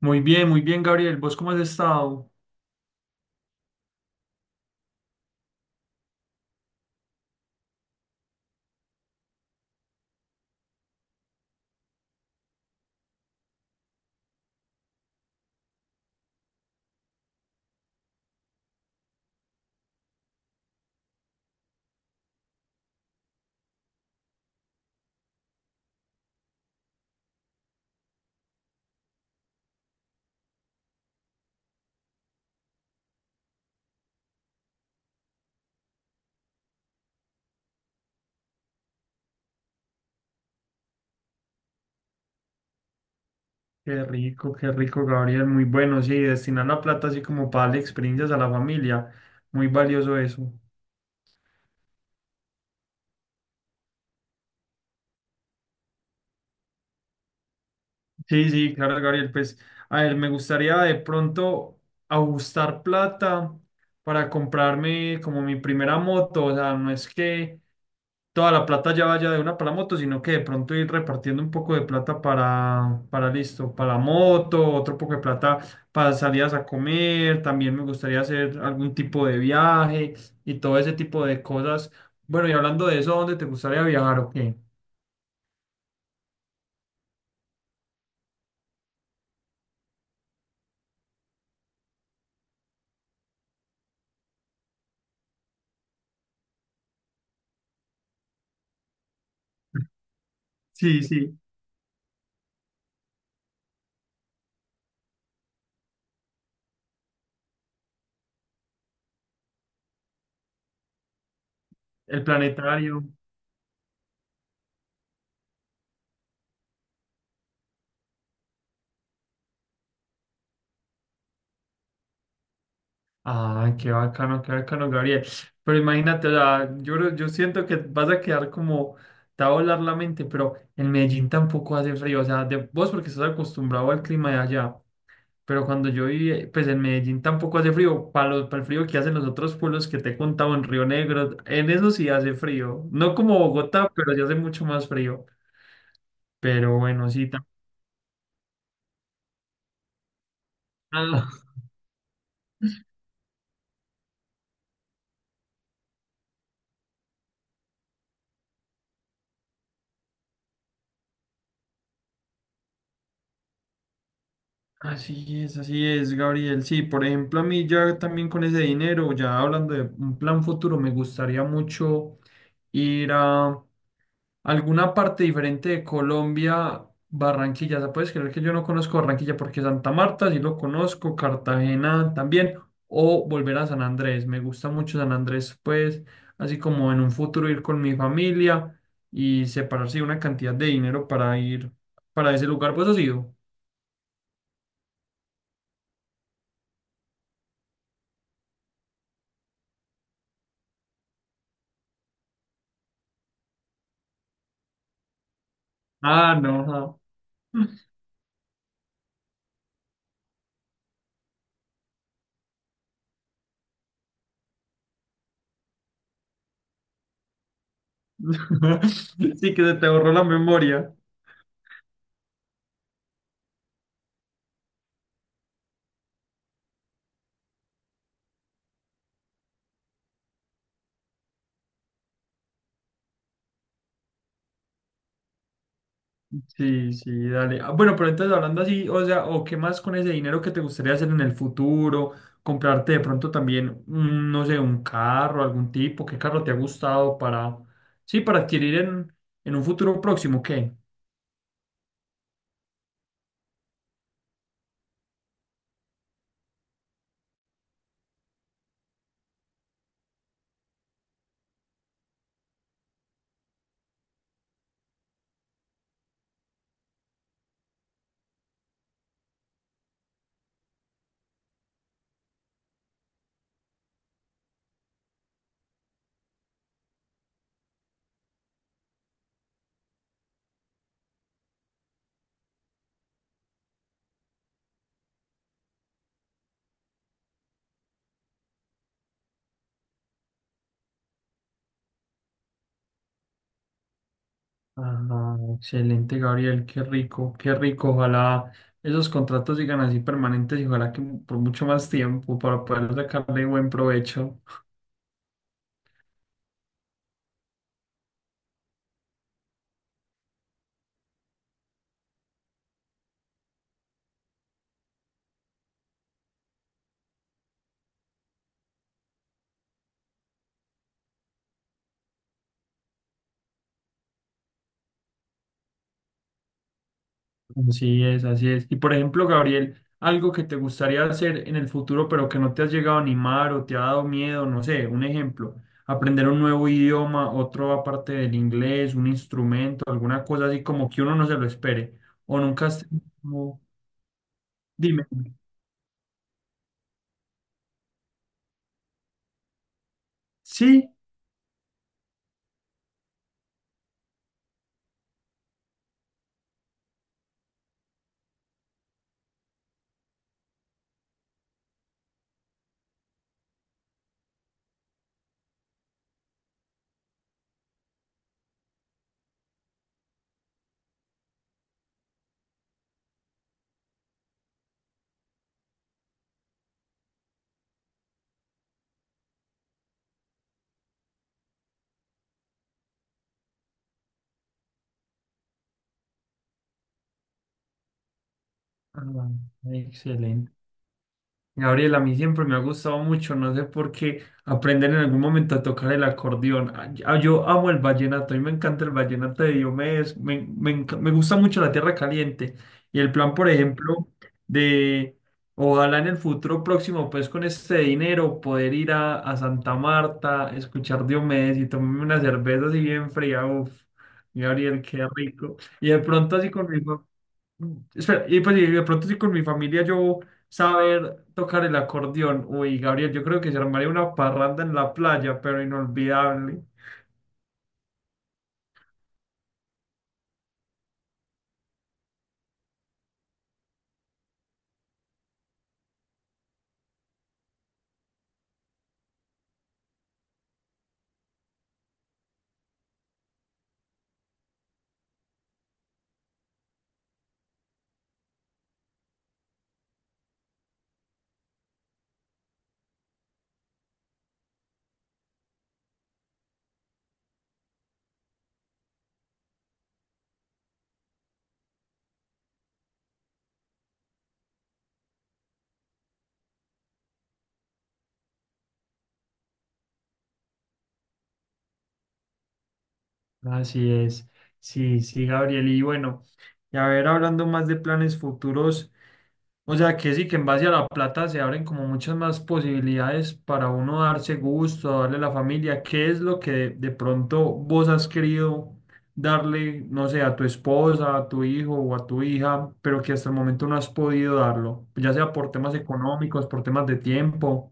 Muy bien, Gabriel. ¿Vos cómo has estado? Qué rico, Gabriel. Muy bueno, sí, destinar la plata así como para darle experiencias a la familia. Muy valioso eso. Sí, sí, claro, Gabriel. Pues, a ver, me gustaría de pronto ajustar plata para comprarme como mi primera moto. O sea, no es que toda la plata ya vaya de una para la moto, sino que de pronto ir repartiendo un poco de plata para listo, para la moto, otro poco de plata para salidas a comer, también me gustaría hacer algún tipo de viaje y todo ese tipo de cosas. Bueno, y hablando de eso, ¿a dónde te gustaría viajar o qué? Sí, sí, el planetario. ¡Ah, qué bacano, Gabriel! Pero imagínate, o sea, yo, yo siento que vas a quedar como, te va a volar la mente, pero en Medellín tampoco hace frío, o sea, de, vos porque estás acostumbrado al clima de allá, pero cuando yo viví, pues en Medellín tampoco hace frío, para para el frío que hacen los otros pueblos que te he contado en Río Negro, en eso sí hace frío, no como Bogotá, pero sí hace mucho más frío, pero bueno, sí, también. Así es, Gabriel. Sí, por ejemplo, a mí ya también con ese dinero, ya hablando de un plan futuro, me gustaría mucho ir a alguna parte diferente de Colombia, Barranquilla. O sea, ¿puedes creer que yo no conozco Barranquilla? Porque Santa Marta sí lo conozco, Cartagena también, o volver a San Andrés. Me gusta mucho San Andrés, pues, así como en un futuro ir con mi familia y separarse una cantidad de dinero para ir para ese lugar. ¿Pues has ido? Ah, no. Ajá. Sí, que se te borró la memoria. Sí, sí, dale. Ah, bueno, pero entonces hablando así, o sea, o qué más con ese dinero que te gustaría hacer en el futuro, comprarte de pronto también, no sé, un carro, algún tipo, qué carro te ha gustado para, sí, para adquirir en un futuro próximo, ¿qué? Ah, excelente, Gabriel, qué rico, qué rico. Ojalá esos contratos sigan así permanentes y ojalá que por mucho más tiempo para poder sacarle buen provecho. Así es, así es. Y por ejemplo, Gabriel, algo que te gustaría hacer en el futuro, pero que no te has llegado a animar o te ha dado miedo, no sé, un ejemplo, aprender un nuevo idioma, otro aparte del inglés, un instrumento, alguna cosa así como que uno no se lo espere. O nunca has tenido- Dime. Sí. Ah, excelente. Gabriel, a mí siempre me ha gustado mucho, no sé por qué, aprender en algún momento a tocar el acordeón. Ah, yo yo amo el vallenato, a mí me encanta el vallenato de Diomedes, me gusta mucho la tierra caliente. Y el plan, por ejemplo, de ojalá en el futuro próximo, pues con este dinero, poder ir a Santa Marta, escuchar Diomedes y tomarme una cerveza así bien fría. Uf, Gabriel, qué rico. Y de pronto así con mi, Mm, espera, y pues y de pronto si con mi familia yo saber tocar el acordeón. Uy, Gabriel, yo creo que se armaría una parranda en la playa, pero inolvidable. Así es. Sí, sí, Gabriel. Y bueno, y a ver, hablando más de planes futuros. O sea que sí, que en base a la plata se abren como muchas más posibilidades para uno darse gusto, darle a la familia. ¿Qué es lo que de pronto vos has querido darle, no sé, a tu esposa, a tu hijo o a tu hija, pero que hasta el momento no has podido darlo? Ya sea por temas económicos, por temas de tiempo.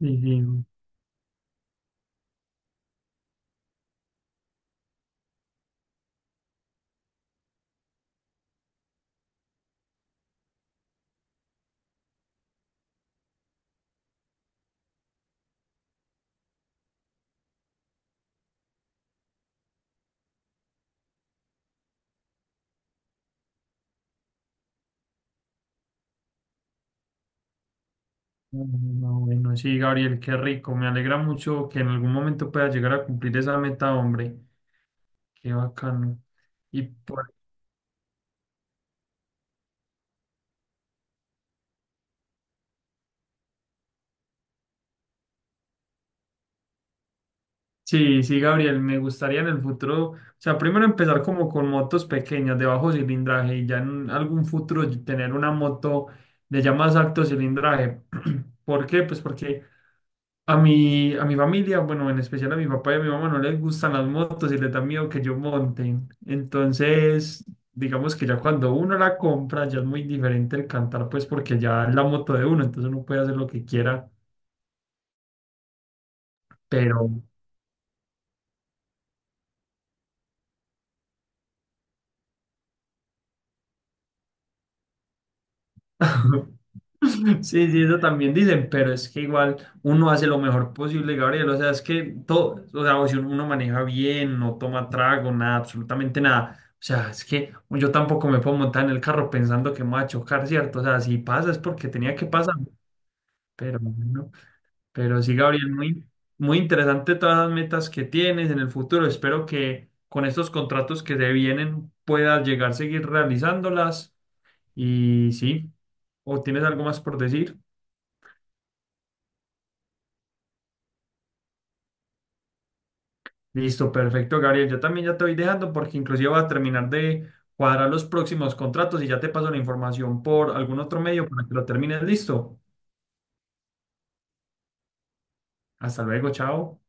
Sí, sí, no, no, bueno, sí, Gabriel, qué rico. Me alegra mucho que en algún momento puedas llegar a cumplir esa meta, hombre. Qué bacano. Y por sí, sí, Gabriel, me gustaría en el futuro, o sea, primero empezar como con motos pequeñas de bajo cilindraje y ya en algún futuro tener una moto de ya más alto cilindraje. ¿Por qué? Pues porque a mi familia, bueno, en especial a mi papá y a mi mamá no les gustan las motos y les da miedo que yo monte. Entonces, digamos que ya cuando uno la compra ya es muy diferente el cantar, pues porque ya es la moto de uno, entonces uno puede hacer lo que quiera, pero... Sí, sí, eso también dicen, pero es que igual uno hace lo mejor posible, Gabriel. O sea, es que todo, o sea, o si uno maneja bien, no toma trago, nada, absolutamente nada. O sea, es que yo tampoco me puedo montar en el carro pensando que me va a chocar, ¿cierto? O sea, si pasa es porque tenía que pasar, pero bueno, pero sí, Gabriel, muy, muy interesante todas las metas que tienes en el futuro. Espero que con estos contratos que te vienen puedas llegar a seguir realizándolas y sí, ¿o tienes algo más por decir? Listo, perfecto, Gabriel. Yo también ya te voy dejando porque inclusive voy a terminar de cuadrar los próximos contratos y ya te paso la información por algún otro medio para que lo termines. Listo. Hasta luego, chao.